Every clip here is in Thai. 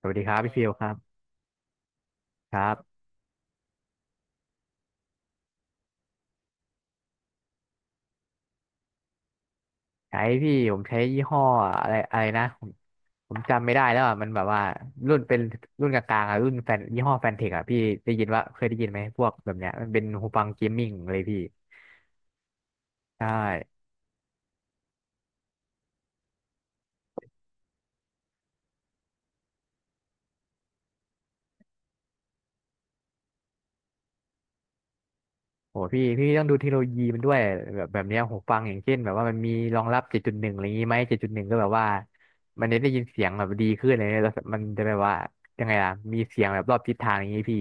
สวัสดีครับพี่ฟิลครับครับใช้พี่ผมใช้ยี่ห้ออะไรอะไรนะผมจำไม่ได้แล้วอ่ะมันแบบว่ารุ่นเป็นรุ่นกลางๆอ่ะรุ่นแฟนยี่ห้อแฟนเทคอ่ะพี่ได้ยินว่าเคยได้ยินไหมพวกแบบเนี้ยมันเป็นหูฟังเกมมิ่งเลยพี่ใช่โหพี่ต้องดูเทคโนโลยีมันด้วยแบบเนี้ยหูฟังอย่างเช่นแบบว่ามันมีรองรับเจ็ดจุดหนึ่งอะไรอย่างงี้ไหมเจ็ดจุดหนึ่งก็แบบว่ามันจะได้ยินเสียงแบบดีขึ้นเลยแล้วมันจะแบบว่ายังไงล่ะมีเสียงแบบรอบทิศทางอย่างงี้พี่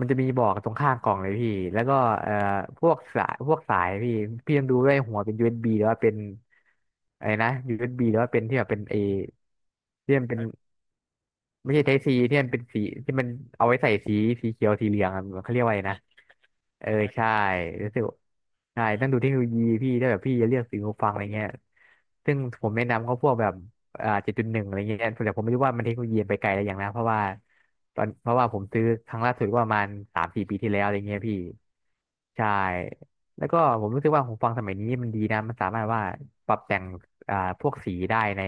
มันจะมีบอกตรงข้างกล่องเลยพี่ แล้วก็เอ่อพวกสายพี่พี่ต้องดูด้วยหัวเป็น USB หรือว่าเป็น อะไรนะ USB หรือว่าเป็นที่แบบเป็นเอที่มันเป็นไม่ใช่ไทป์ซีที่มันเป็นสีที่มันเอาไว้ใส่สีเขียวสีเหลืองอะเขาเรียกว่าอะไรนะ เออใช่รู้สึกใช่ต้องดูเทคโนโลยีพี่ถ้าแบบพี่จะเลือกซื้อหูฟังอะไรเงี้ยซึ่งผมแนะนำเขาพวกแบบเจ็ดจุดหนึ่งอะไรเงี้ยแต่ผมไม่รู้ว่ามันเทคโนโลยีไปไกลอะไรอย่างนะเพราะว่าตอนเพราะว่าผมซื้อครั้งล่าสุดก็ประมาณสามสี่ปีที่แล้วอะไรเงี้ยพี่ใช่แล้วก็ผมรู้สึกว่าหูฟังสมัยนี้มันดีนะมันสามารถว่าปรับแต่งพวกสีได้ใน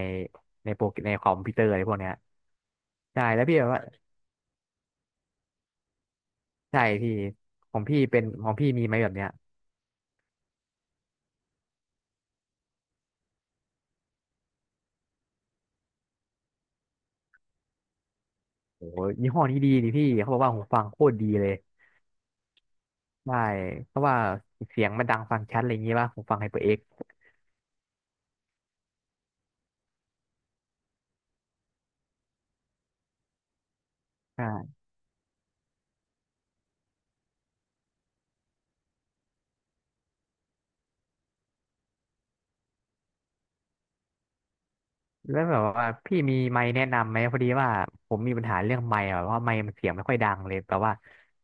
ในโปรในคอมพิวเตอร์อะไรพวกเนี้ยใช่แล้วพี่แบบว่าใช่พี่ของพี่เป็นของพี่มีไหมแบบเนี้ย โอ้โหยี่ห้อนี้ดีนี่พี่เขาบอกว่าหูฟังโคตรดีเลยใช่เพราะว่าเสียงมันดังฟังชัดอะไรอย่างงี้ป่ะหูฟังไฮเปอร์เอ็กซ์ใช่แล้วแบบว่าพี่มีไมค์แนะนำไหมพอดีว่าผมมีปัญหาเรื่องไมค์อะแบบว่าไมค์มันเสียงไม่ค่อยดังเลยแบบว่า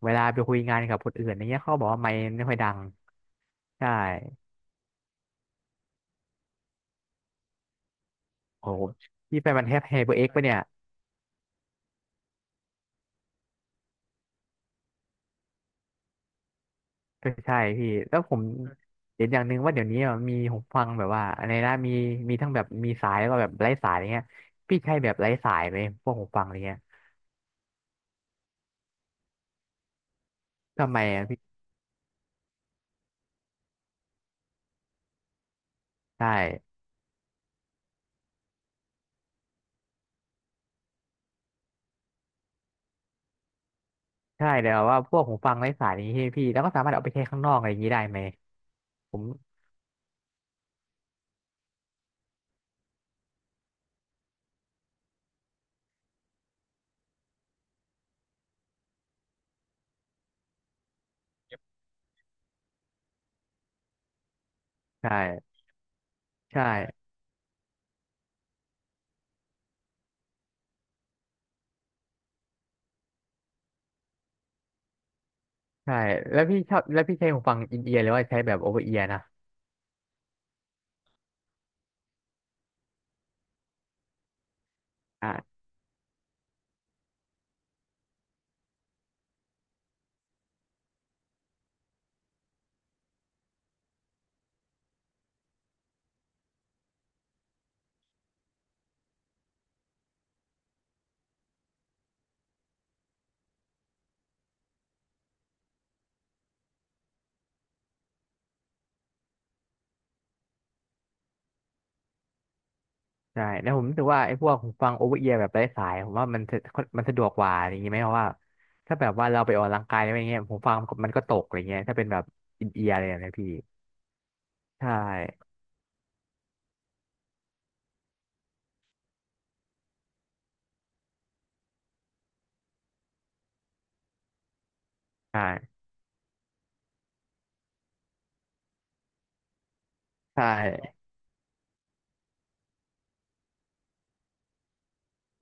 เวลาไปคุยงานกับคนอื่นอย่างเงี้ยเขาบอกว่าไมค์ไม่ค่อยดังใช่โอ้โหพี่ไปมันแทบไฮเปอร์เอ็กซ์ปะเนี่ย ก็ใช่พี่แล้วผมเห็นอย่างหนึ่งว่าเดี๋ยวนี้อะมีหูฟังแบบว่าอะไรนะมีมีทั้งแบบมีสายแล้วก็แบบไร้สายอะไรเงี้ยพี่ใช้แบบไร้สายไหมพวกหูฟังอะไรเงี้ยทำไมอะพี่ใช่ใช่แต่ว่าพวกหูฟังไร้สายนี้พี่แล้วก็สามารถเอาไปใช้ข้างนอกอะไรอย่างนี้ได้ไหมผมใช่ใช่ใช่แล้วพี่ชอบแล้วพี่ใช้หูฟังอินเอียร์หรือว่าใช้แบบโอเวอร์เอียร์นะอ่า ใช่แล้วผมรู้สึกว่าไอ้พวกหูฟังโอเวอร์เอียร์แบบไร้สายผมว่ามันสะดวกกว่าอย่างงี้ไหมเพราะว่าถ้าแบบว่าเราไปออกกำลังกายอะไรอย่างเงี้ยหูฟังมันก็ตกอะไรเงี้ยถ้าเป็นแบบอินเอียร์อะไรแบบเนี้ยพี่ใช่ใช่ใช่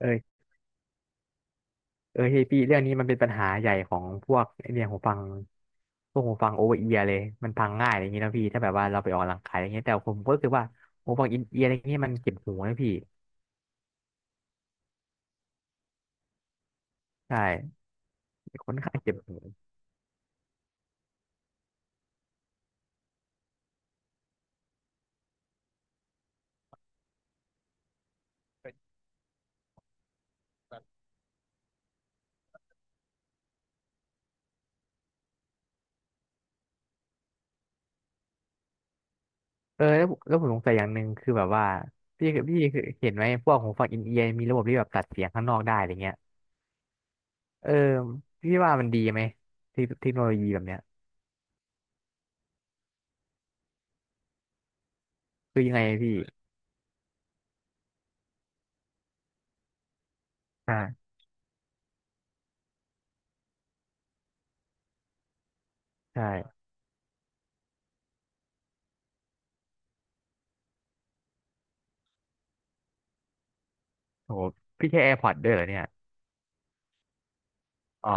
เออเออเฮ้ยพี่เรื่องนี้มันเป็นปัญหาใหญ่ของพวกไอ้เนี่ยหูฟังพวกหูฟังโอเวอร์เอียร์เลยมันพังง่ายอะไรอย่างงี้ยนะพี่ถ้าแบบว่าเราไปออกกำลังกายอะไรเงี้ยแต่ผมก็รู้สึกว่าหูฟังอินเอียร์อะไรเงี้ยมันเจ็บหูนะพี่ใช่ค่อนข้างเจ็บหู เออแล้วผมสงสัยอย่างหนึ่งคือแบบว่าพี่เคยเห็นไหมพวกหูฟังอินเอียร์มีระบบที่แบบตัดเสียงข้างนอกได้อะไรเงี้ยเออพี่ว่ามันดีไหมเทคโนโลยีแบบเนี้ยคือยังไงพี่อ่าใช่โหพี่ใช้ AirPods ด้วยเหรอเนี่ยอ๋อ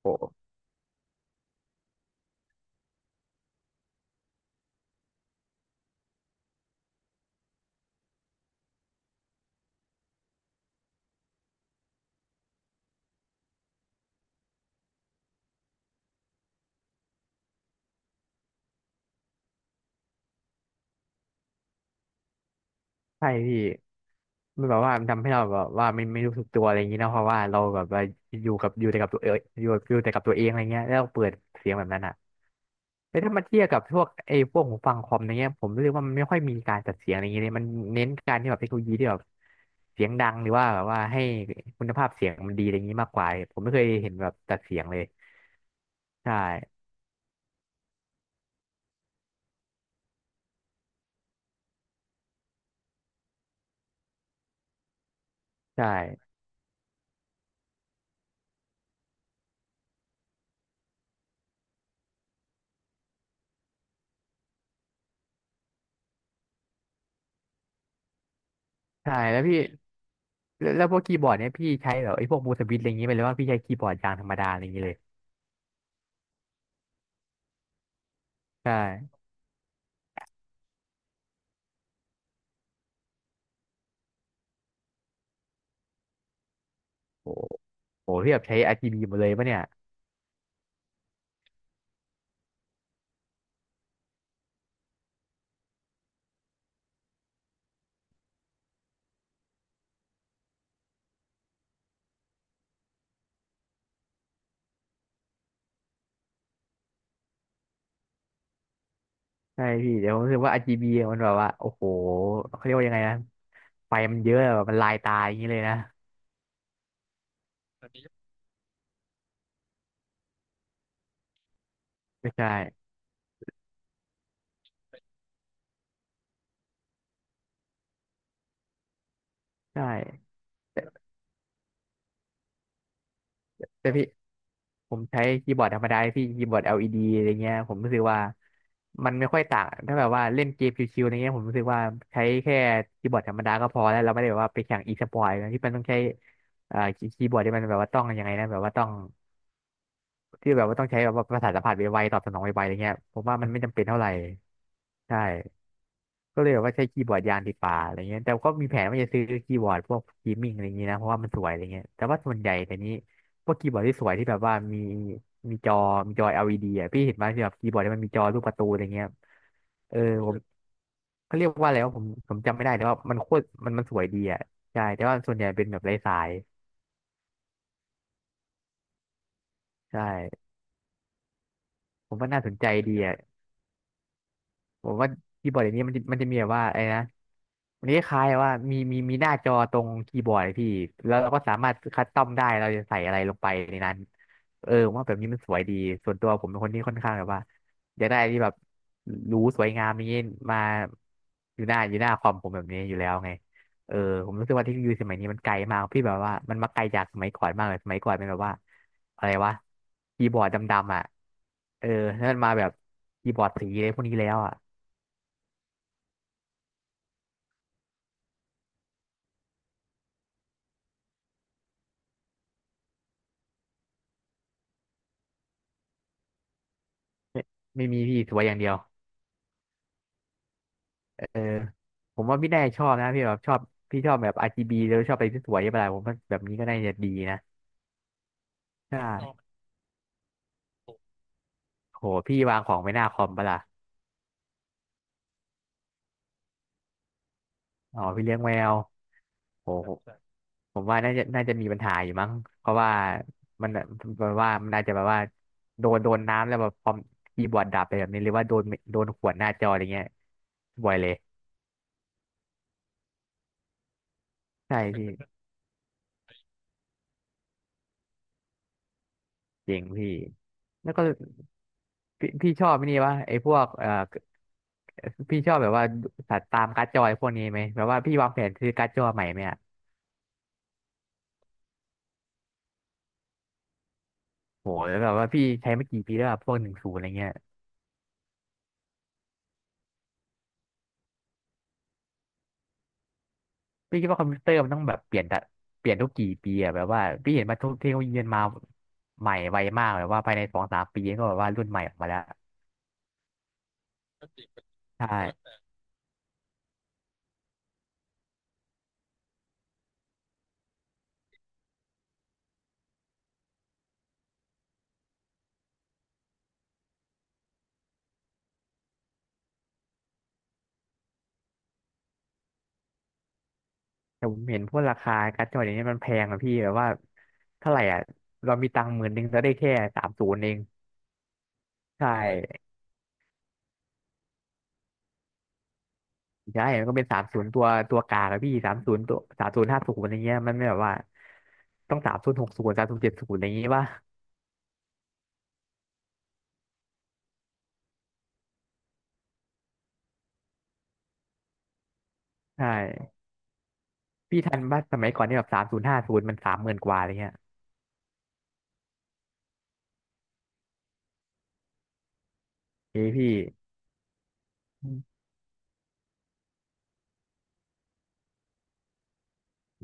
โหใช่พี่มันแบบว่ามันทำให้เราแบบว่าไม่รู้สึกตัวอะไรอย่างงี้นะเพราะว่าเราแบบว่าอยู่กับอยู่แต่กับตัวเองอยู่อยู่แต่กับตัวเองอะไรเงี้ยแล้วเปิดเสียงแบบนั้นอ่ะ แต่ถ้ามาเทียบกับพวกไอ้พวกหูฟังคอมอะไรเงี้ยผมรู้สึกว่ามันไม่ค่อยมีการจัดเสียงอะไรเงี้ยเลยมันเน้นการที่แบบเทคโนโลยีที่แบบเสียงดังหรือว่าแบบว่าให้คุณภาพเสียงมันดีอะไรเงงี้มากกว่าผมไม่เคยเห็นแบบจัดเสียงเลยใช่ใช่ใช่แล้วพี่แล้วพวกคีย์บอร์ดเนี่ยพี่ใช้แบบไอ้พวกมูสวิตอะไรเงนี้ยไปเลยว่าพี่ใช้คีย์บอร์ดยางธรรมดาอะไรเงงี้เลยใช่โอ้โหพี่แบบใช้ RGB หมดเลยปะเนี่ยใช่พี่เดี๋ยวผมรู้สึกว่า RGB มันแบบว่าโอ้โหเขาเรียกว่ายังไงนะไฟมันเยอะแบบมันลายตาอย่างนี้เลยนะ ไม่ใช่ใช่ แต่แต่พี่ผมใช้คีย์บอร์ดธรรมดาพี่คีย์บอร์ด LED อลอีดีอะไรเงี้ยผมรู้สึกว่ามันไม่ค่อยต่างถ้าแบบว่าเล่นเกมชิวๆอะไรเงี้ยผมรู้สึกว่าใช้แค่คีย์บอร์ดธรรมดาก็พอแล้วเราไม่ได้แบบว่าไปแข่งอีสปอร์ตที่มันต้องใช้คีย์บอร์ดที่มันแบบว่าต้องยังไงนะแบบว่าต้องที่แบบว่าต้องใช้แบบว่าประสาทสัมผัสไวๆตอบสนองไวๆอะไรเงี้ยผมว่ามันไม่จำเป็นเท่าไหร่ใช่ ก็เลยแบบว่าใช้คีย์บอร์ดยางดีกว่าอะไรเงี้ยแต่ก็มีแผนว่าจะซื้อคีย์บอร์ดพวกเกีมิ่งอะไรเงงี้ยนะเพราะว่ามันสวยอะไรเงี้ยแต่ว่าส่วนใหญ่แต่นี้พวกคีย์บอร์ดที่สวยที่แบบว่ามีมีจอมีจอ LED อลอีดีอ่ะพี่เห็นไหมที่แบบคีย์บอร์ดที่มันมีจอรูปการ์ตูนอะไรเงี้ยเออผมเขาเรียกว่าอะไรวะผมจำไม่ได้แต่ว่ามันโคตรมันมันสวยดีอ่ะใช่แต่ว่าส่วนใหญ่เป็นแบบไร้สายใช่ผมว่าน่าสนใจดีอ่ะ ผมว่าคีย์บอร์ดอย่างนี้มันจะมีแบบว่าไอ้นะมันจะคล้ายๆว่ามีหน้าจอตรงคีย์บอร์ดพี่แล้วเราก็สามารถคัสตอมได้เราจะใส่อะไรลงไปในนั้นเออผมว่าแบบนี้มันสวยดีส่วนตัวผมเป็นคนที่ค่อนข้างแบบว่าอยากได้อะไรที่แบบหรูสวยงามอย่างนี้มาอยู่หน้าคอมผมแบบนี้อยู่แล้วไงเออผมรู้สึกว่าเทคโนโลยีสมัยนี้มันไกลมากพี่แบบว่ามันมาไกลจากสมัยก่อนมากเลยสมัยก่อนเป็นแบบว่าอะไรวะคีย์บอร์ดดำๆอ่ะเออแล้วมันมาแบบคีย์บอร์ดสีอะไรพวกนี้แล้วอ่ะ ไม่มีพี่สวยอย่างเดียวเออผมว่าพี่แน่ชอบนะพี่แบบชอบพี่ชอบแบบ RGB แล้วชอบอะไรที่สวยๆอะไรผมว่าแบบนี้ก็น่าจะดีนะใช่โหพี่วางของไว้หน้าคอมปะล่ะอ๋อพี่เลี้ยงแมวโหผมว่าน่าจะมีปัญหาอยู่มั้ง เพราะว่ามันแบบว่ามันน่าจะแบบว่าโดนน้ำแล้วแบบคอมคีย์บอร์ดดับไปแบบนี้หรือว่าโดนขวดหน้าจออะไรเงี้ยบ่อยเลยใช่พี่ เจ๋งพี่แล้วก็ พี่ชอบไอ้นี่วะไอ้พวกพี่ชอบแบบว่าสัตว์ตามการ์ดจอยพวกนี้ไหมแบบว่าพี่วางแผนซื้อการ์ดจอใหม่ไหมอะโหแล้วแบบว่าพี่ใช้มากี่ปีแล้วอะพวก10อะไรเงี้ยพี่คิดว่าคอมพิวเตอร์มันต้องแบบเปลี่ยนแต่เปลี่ยนทุกกี่ปีอะแบบว่าพี่เห็นมาทุกเทคโนโลยีมันมาใหม่ไวมากแบบว่าภายใน2-3 ปีก็แบบว่ารุ่นใหม่ออกมาแล้วใช่แต่ผมเห็นพวกราคาการ์ดจอเดี๋ยวนี้มันแพงอะพี่แบบว่าเท่าไหร่อะเรามีตังค์หมื่นหนึงจะได้แค่สามศูนย์เองใช่ ใช่มันก็เป็นสามศูนย์ตัวตัวกลางอะพี่สามศูนย์ตัวสามศูนย์ห้าศูนย์อะไรเงี้ยมันไม่แบบว่าต้อง30-6030-70อะไรอย่างงี้ยป่ะใช่พี่ทันป่ะสมัยก่อนนี่แบบสามศูนย์ห้าศูนย์มันสามหมื่นกว่าอะไรเงี้ยเอ้ยพี่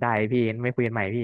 ได้พี่ไม่คุยกันใหม่พี่